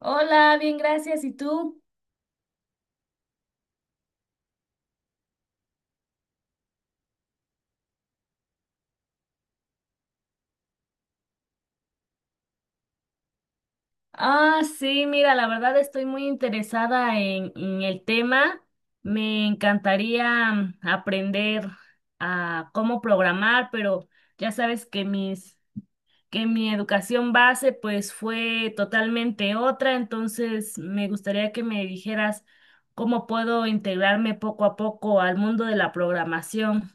Hola, bien, gracias. ¿Y tú? Ah, sí, mira, la verdad estoy muy interesada en el tema. Me encantaría aprender a cómo programar, pero ya sabes que que mi educación base pues fue totalmente otra, entonces me gustaría que me dijeras cómo puedo integrarme poco a poco al mundo de la programación.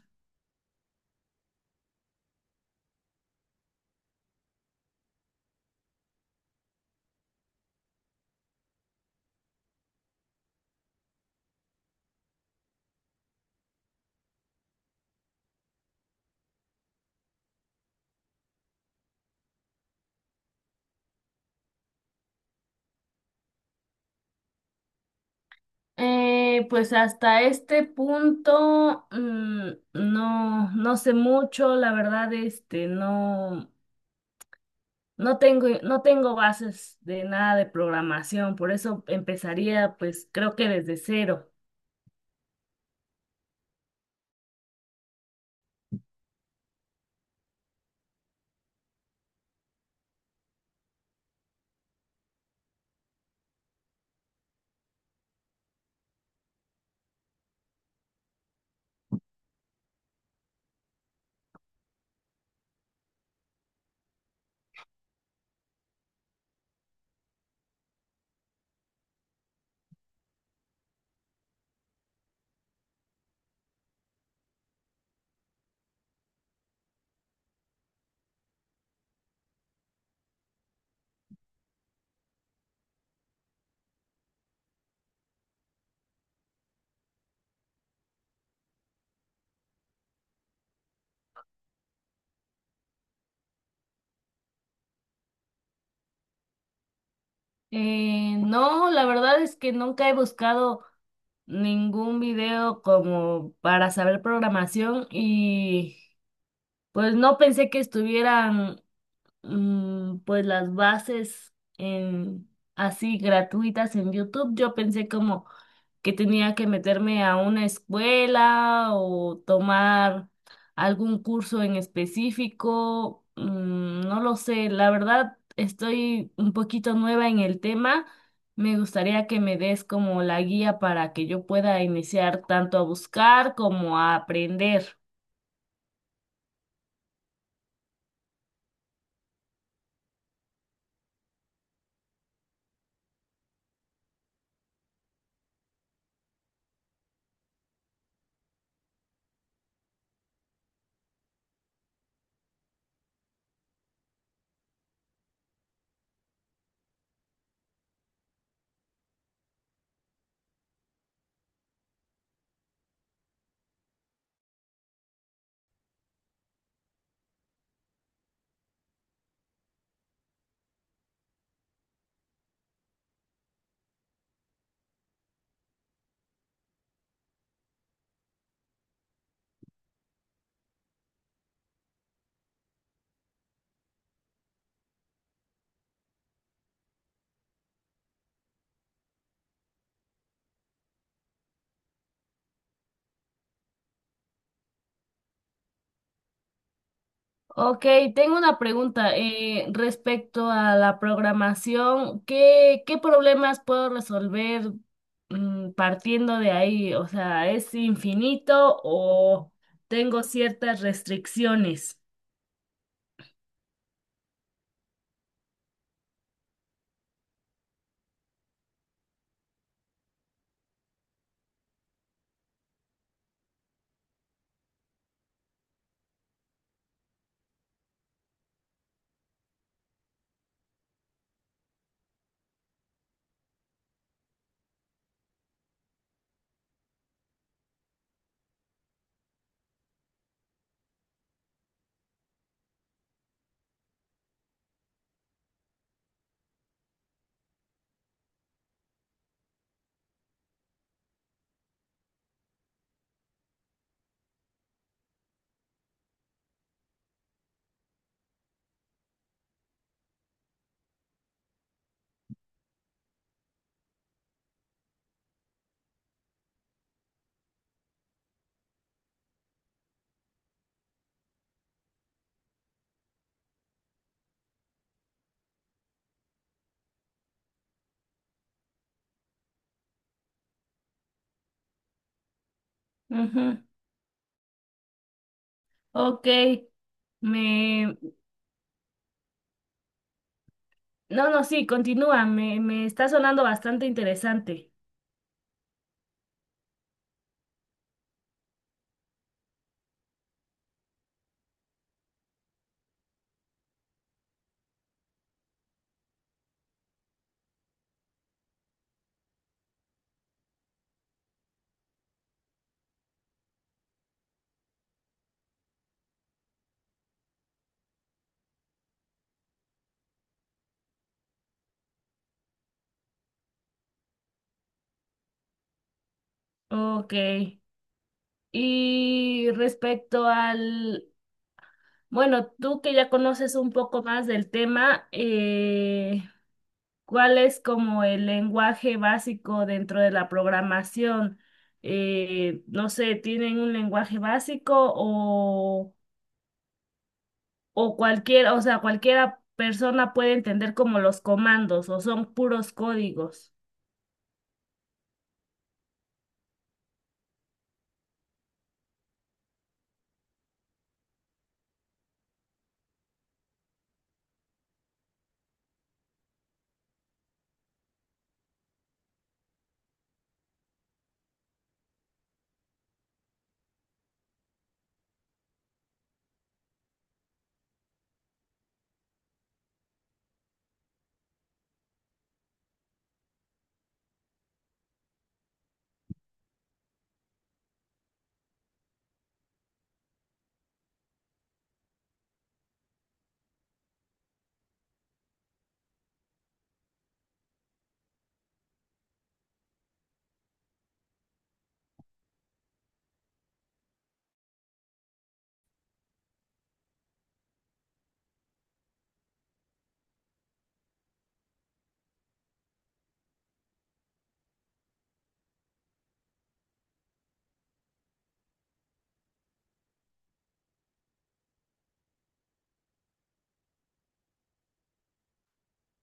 Pues hasta este punto no, no sé mucho, la verdad, no, no tengo bases de nada de programación, por eso empezaría, pues creo que desde cero. No, la verdad es que nunca he buscado ningún video como para saber programación y pues no pensé que estuvieran pues las bases así gratuitas en YouTube. Yo pensé como que tenía que meterme a una escuela o tomar algún curso en específico. No lo sé, la verdad estoy un poquito nueva en el tema. Me gustaría que me des como la guía para que yo pueda iniciar tanto a buscar como a aprender. Ok, tengo una pregunta respecto a la programación. ¿Qué problemas puedo resolver partiendo de ahí? O sea, ¿es infinito o tengo ciertas restricciones? Ujú. Ok, me... No, no, sí, continúa, me está sonando bastante interesante. Ok, y respecto al... Bueno, tú que ya conoces un poco más del tema, ¿Cuál es como el lenguaje básico dentro de la programación? No sé, ¿tienen un lenguaje básico o cualquier, o sea, cualquiera persona puede entender como los comandos o son puros códigos?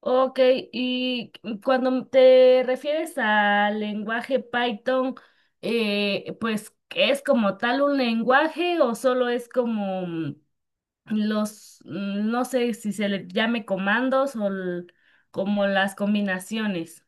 Ok, y cuando te refieres al lenguaje Python, pues ¿es como tal un lenguaje o solo es como... los, no sé si se le llame comandos o como las combinaciones.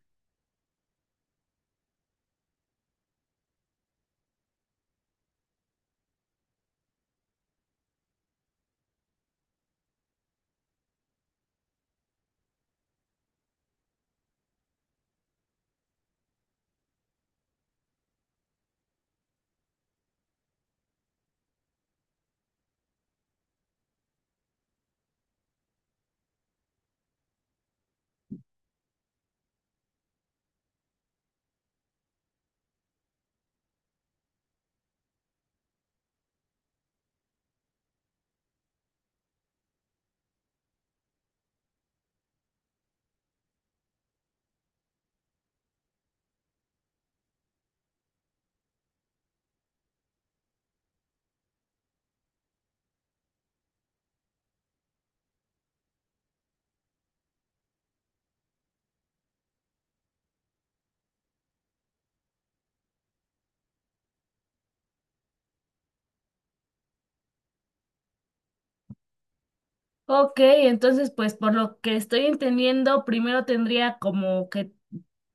Ok, entonces pues por lo que estoy entendiendo, primero tendría como que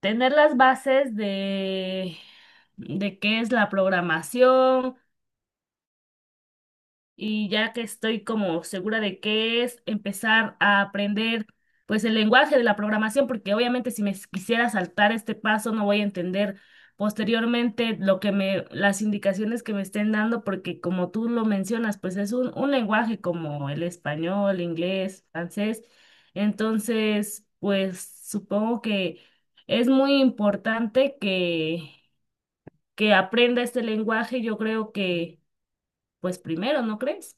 tener las bases de qué es la programación, y ya que estoy como segura de qué es, empezar a aprender pues el lenguaje de la programación, porque obviamente si me quisiera saltar este paso no voy a entender posteriormente lo las indicaciones que me estén dando, porque como tú lo mencionas, pues es un lenguaje como el español, inglés, francés. Entonces, pues supongo que es muy importante que aprenda este lenguaje, yo creo que, pues primero, ¿no crees?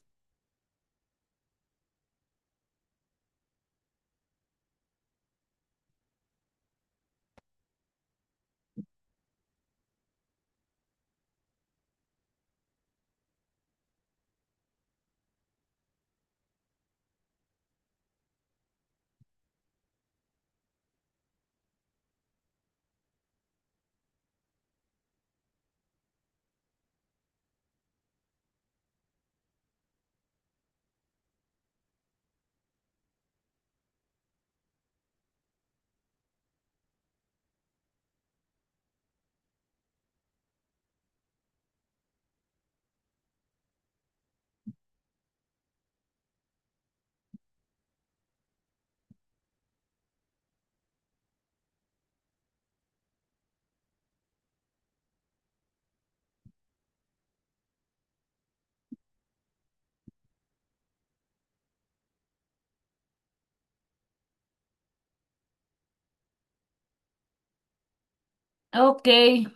Ok,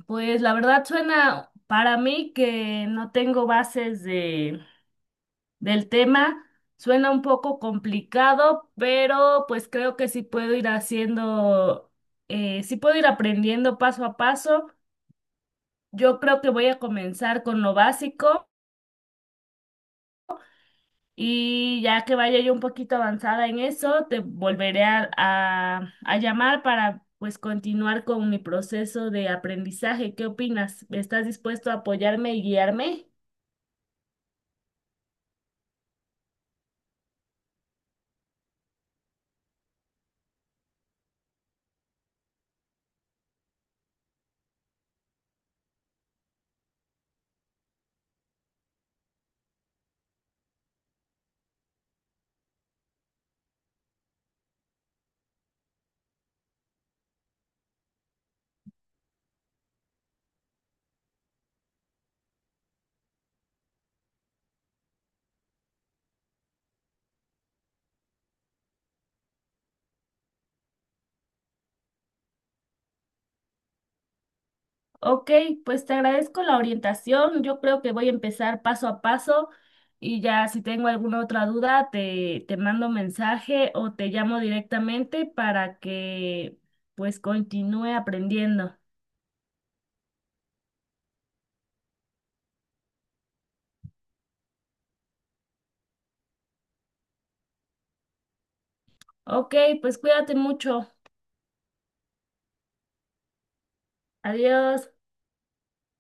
pues la verdad suena para mí que no tengo bases de del tema, suena un poco complicado, pero pues creo que sí puedo ir haciendo, sí puedo ir aprendiendo paso a paso. Yo creo que voy a comenzar con lo básico y ya que vaya yo un poquito avanzada en eso, te volveré a llamar para pues continuar con mi proceso de aprendizaje. ¿Qué opinas? ¿Estás dispuesto a apoyarme y guiarme? Ok, pues te agradezco la orientación. Yo creo que voy a empezar paso a paso y ya si tengo alguna otra duda te mando mensaje o te llamo directamente para que pues continúe aprendiendo. Ok, pues cuídate mucho. Adiós.